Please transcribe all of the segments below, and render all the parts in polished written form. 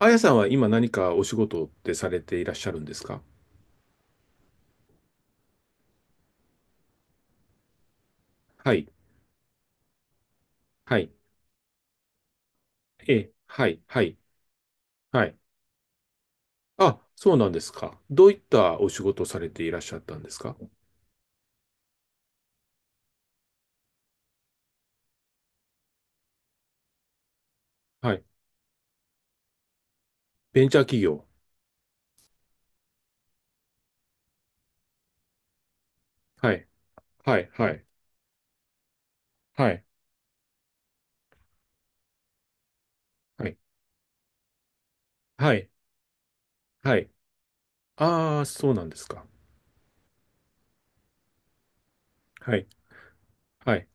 あやさんは今何かお仕事ってされていらっしゃるんですか？はい、はい、ええ、はい、はい、はい。あ、そうなんですか。どういったお仕事をされていらっしゃったんですか？はい。ベンチャー企業。はい、はい、はい、はい、はい、はい、はい。ああ、そうなんですか。はい、はい、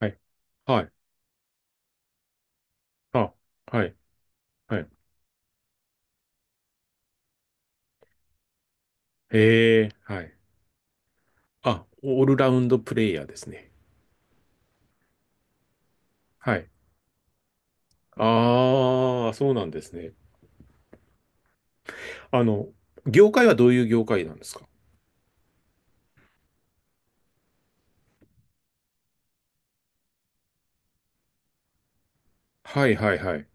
はい、はい、あ、はい、はい。ええ、はい。あ、オールラウンドプレイヤーですね。はい。ああ、そうなんですね。あの、業界はどういう業界なんですか？はいはいはい。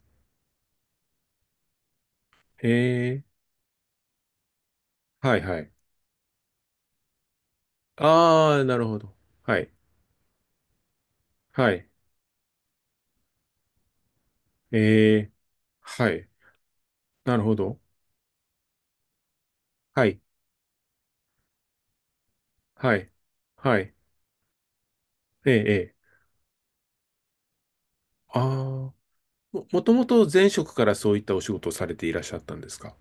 へえ、はいはい。ああ、なるほど。はい、はい。ええ、はい。なるほど。はい、はい、はい。ええ、ええ。ああ、もともと前職からそういったお仕事をされていらっしゃったんですか？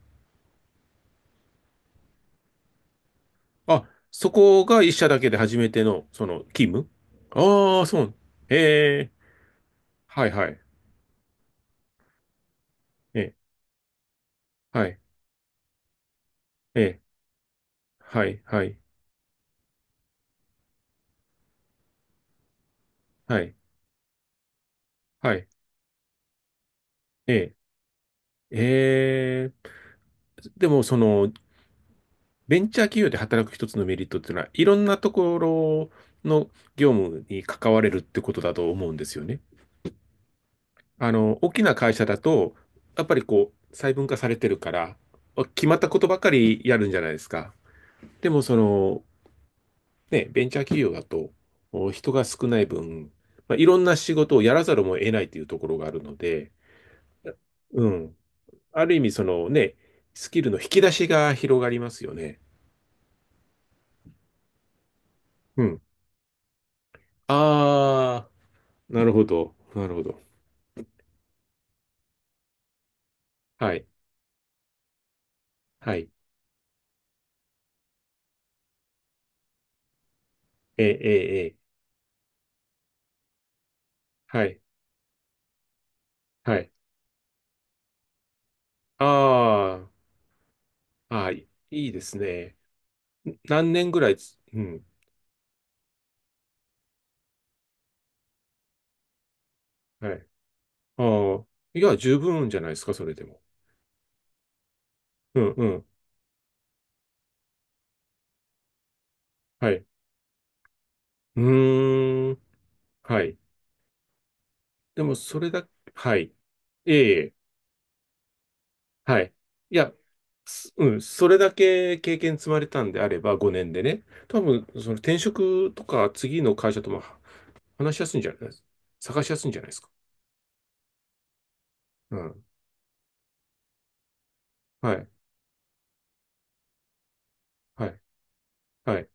あ、そこが一社だけで初めての、その、勤務。ああー、そう。ええ、はいはい。ええ、はい、ええ、はい、はい、はい、はい。ええ、ええ。でも、その、ベンチャー企業で働く一つのメリットっていうのは、いろんなところの業務に関われるってことだと思うんですよね。あの、大きな会社だと、やっぱりこう、細分化されてるから、決まったことばかりやるんじゃないですか。でも、その、ね、ベンチャー企業だと、お人が少ない分、まあ、いろんな仕事をやらざるを得ないというところがあるので。うん。ある意味、そのね、スキルの引き出しが広がりますよね。うん。ああ、なるほど。なるほど。はい。はい。ええ、ええ、ええはい。はい。ああ、ああ、いいですね。ん何年ぐらいつ、うん。はい。ああ、いや、十分じゃないですか、それでも。うん、うん。はい。うーん。はい。でも、それだ、はい。ええ、はい。いや、すうん、それだけ経験積まれたんであれば、5年でね。多分、その転職とか、次の会社とも話しやすいんじゃないですか。探しやすいんじゃないですか。うん。はい。はい。はい。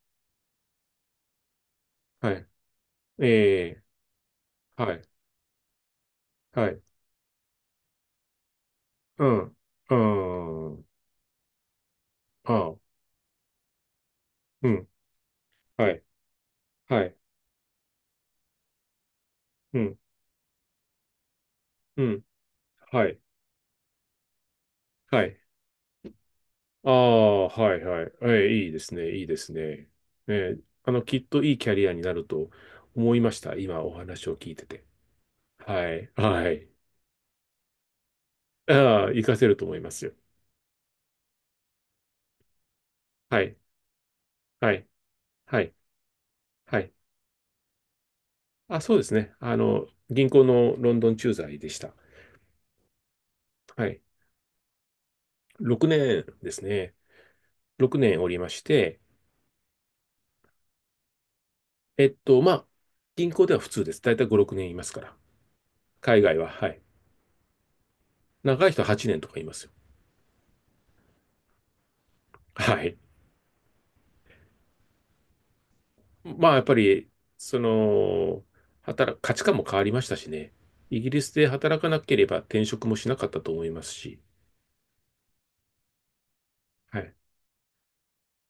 はい。ええはい、はい、うん、うん、ああ、うん、はい、はい、うん、うん、はい、はい、ああ、はい、はい、ええいいですね、いいですね。ええきっといいキャリアになると思いました、今お話を聞いてて。はい、はい、ああ、活かせると思いますよ。はい、はい、はい、はい。あ、そうですね、銀行のロンドン駐在でした。はい、6年ですね、6年おりまして、まあ、銀行では普通です。だいたい5、6年いますから。海外は、はい。長い人は8年とかいますよ。はい。まあ、やっぱり、その、働く、価値観も変わりましたしね。イギリスで働かなければ転職もしなかったと思いますし。はい。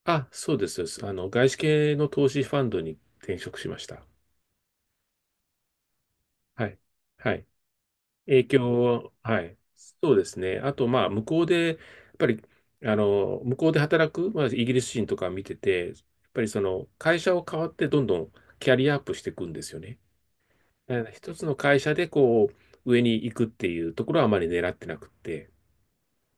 あ、そうです。そうです外資系の投資ファンドに転職しました。はい。はい。影響、はい。そうですね。あと、まあ、向こうで、やっぱり、向こうで働く、まあ、イギリス人とか見てて、やっぱりその、会社を変わってどんどんキャリアアップしていくんですよね。だから一つの会社で、こう、上に行くっていうところはあまり狙ってなくって、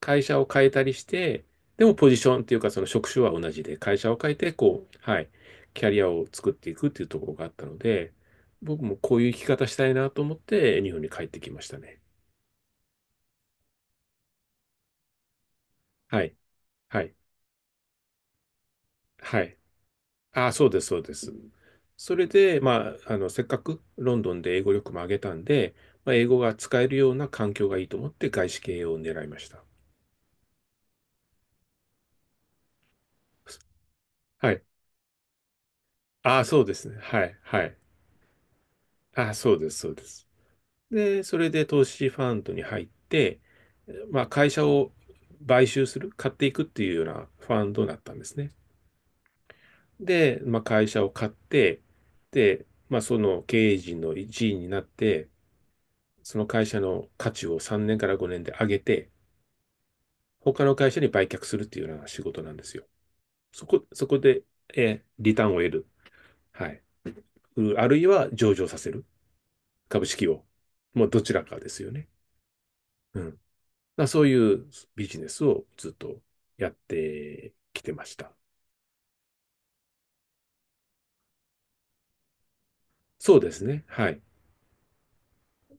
会社を変えたりして、でもポジションっていうか、その職種は同じで、会社を変えて、こう、はい、キャリアを作っていくっていうところがあったので、僕もこういう生き方したいなと思って、日本に帰ってきましたね。はい。はい。はい。あ、そうです、そうです。それで、まあ、せっかくロンドンで英語力も上げたんで、まあ、英語が使えるような環境がいいと思って外資系を狙いました。はい。あ、そうですね。はい、はい。あ、そうです、そうです。で、それで投資ファンドに入って、まあ、会社を買収する、買っていくっていうようなファンドだったんですね。で、まあ、会社を買って、で、まあ、その経営陣の一員になって、その会社の価値を3年から5年で上げて、他の会社に売却するっていうような仕事なんですよ。そこで、リターンを得る。はい。あるいは上場させる。株式を。もうどちらかですよね。うん。そういうビジネスをずっとやってきてました。そうですね。はい。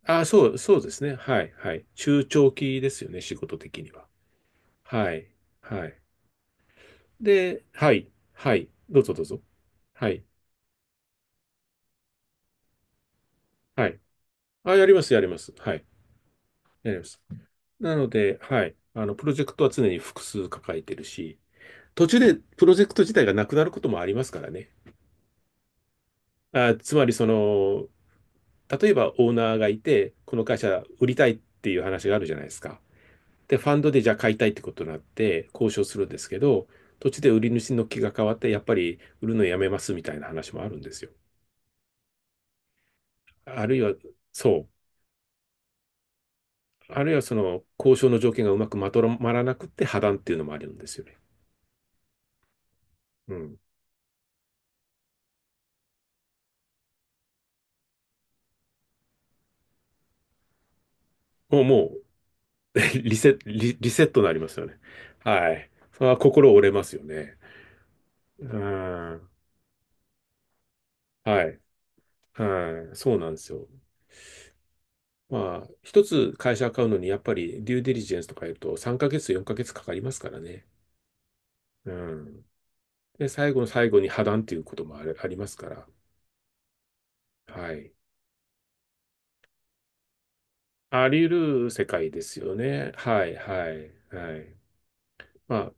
あ、そうですね。はい、はい。中長期ですよね、仕事的には。はい、はい。で、はい、はい。どうぞどうぞ。はい、はい。あ、やります、やります。はい。やります。なので、はい。プロジェクトは常に複数抱えてるし、途中でプロジェクト自体がなくなることもありますからね。あ、つまり、その、例えばオーナーがいて、この会社売りたいっていう話があるじゃないですか。で、ファンドでじゃあ買いたいってことになって交渉するんですけど、途中で売り主の気が変わって、やっぱり売るのやめますみたいな話もあるんですよ。あるいは、そう。あるいはその交渉の条件がうまくまとまらなくて破談っていうのもあるんですよね。うん。もう、リセットになりますよね。はい。それは心折れますよね。うん。はい。はい。そうなんですよ。まあ、一つ会社買うのに、やっぱりデューデリジェンスとか言うと3ヶ月、4ヶ月かかりますからね。うん。で、最後の最後に破談っていうこともある、ありますから。はい。あり得る世界ですよね。はい、はい、はい。まあ、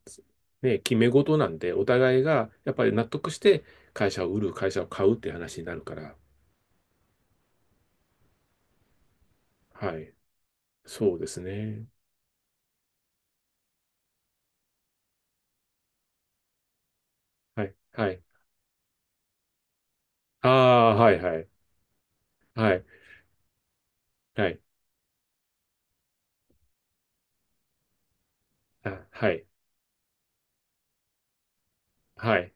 ね、決め事なんで、お互いがやっぱり納得して会社を売る、会社を買うって話になるから。はい。そうですね。はい。はい。ああ、はい、はい。はい。はい。あ、はい。はい。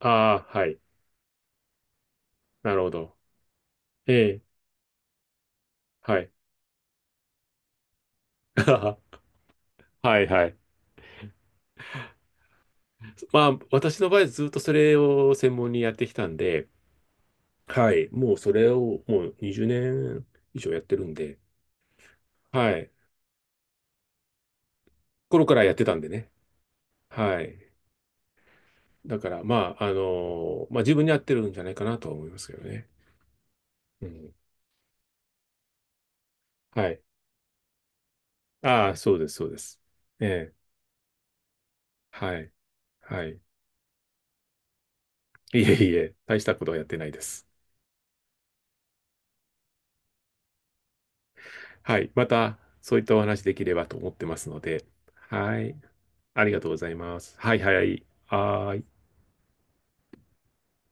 ああ、はい。なるほど。ええ、はい。はい、はい。まあ、私の場合ずっとそれを専門にやってきたんで、はい。もうそれをもう20年以上やってるんで、はい。頃からやってたんでね。はい。だから、まあ、まあ、自分に合ってるんじゃないかなとは思いますけどね。うん。はい。ああ、そうです、そうです。ええはい。はい。いえいえ、大したことはやってないです。はい。また、そういったお話できればと思ってますので。はい。ありがとうございます。はいはい。はーい。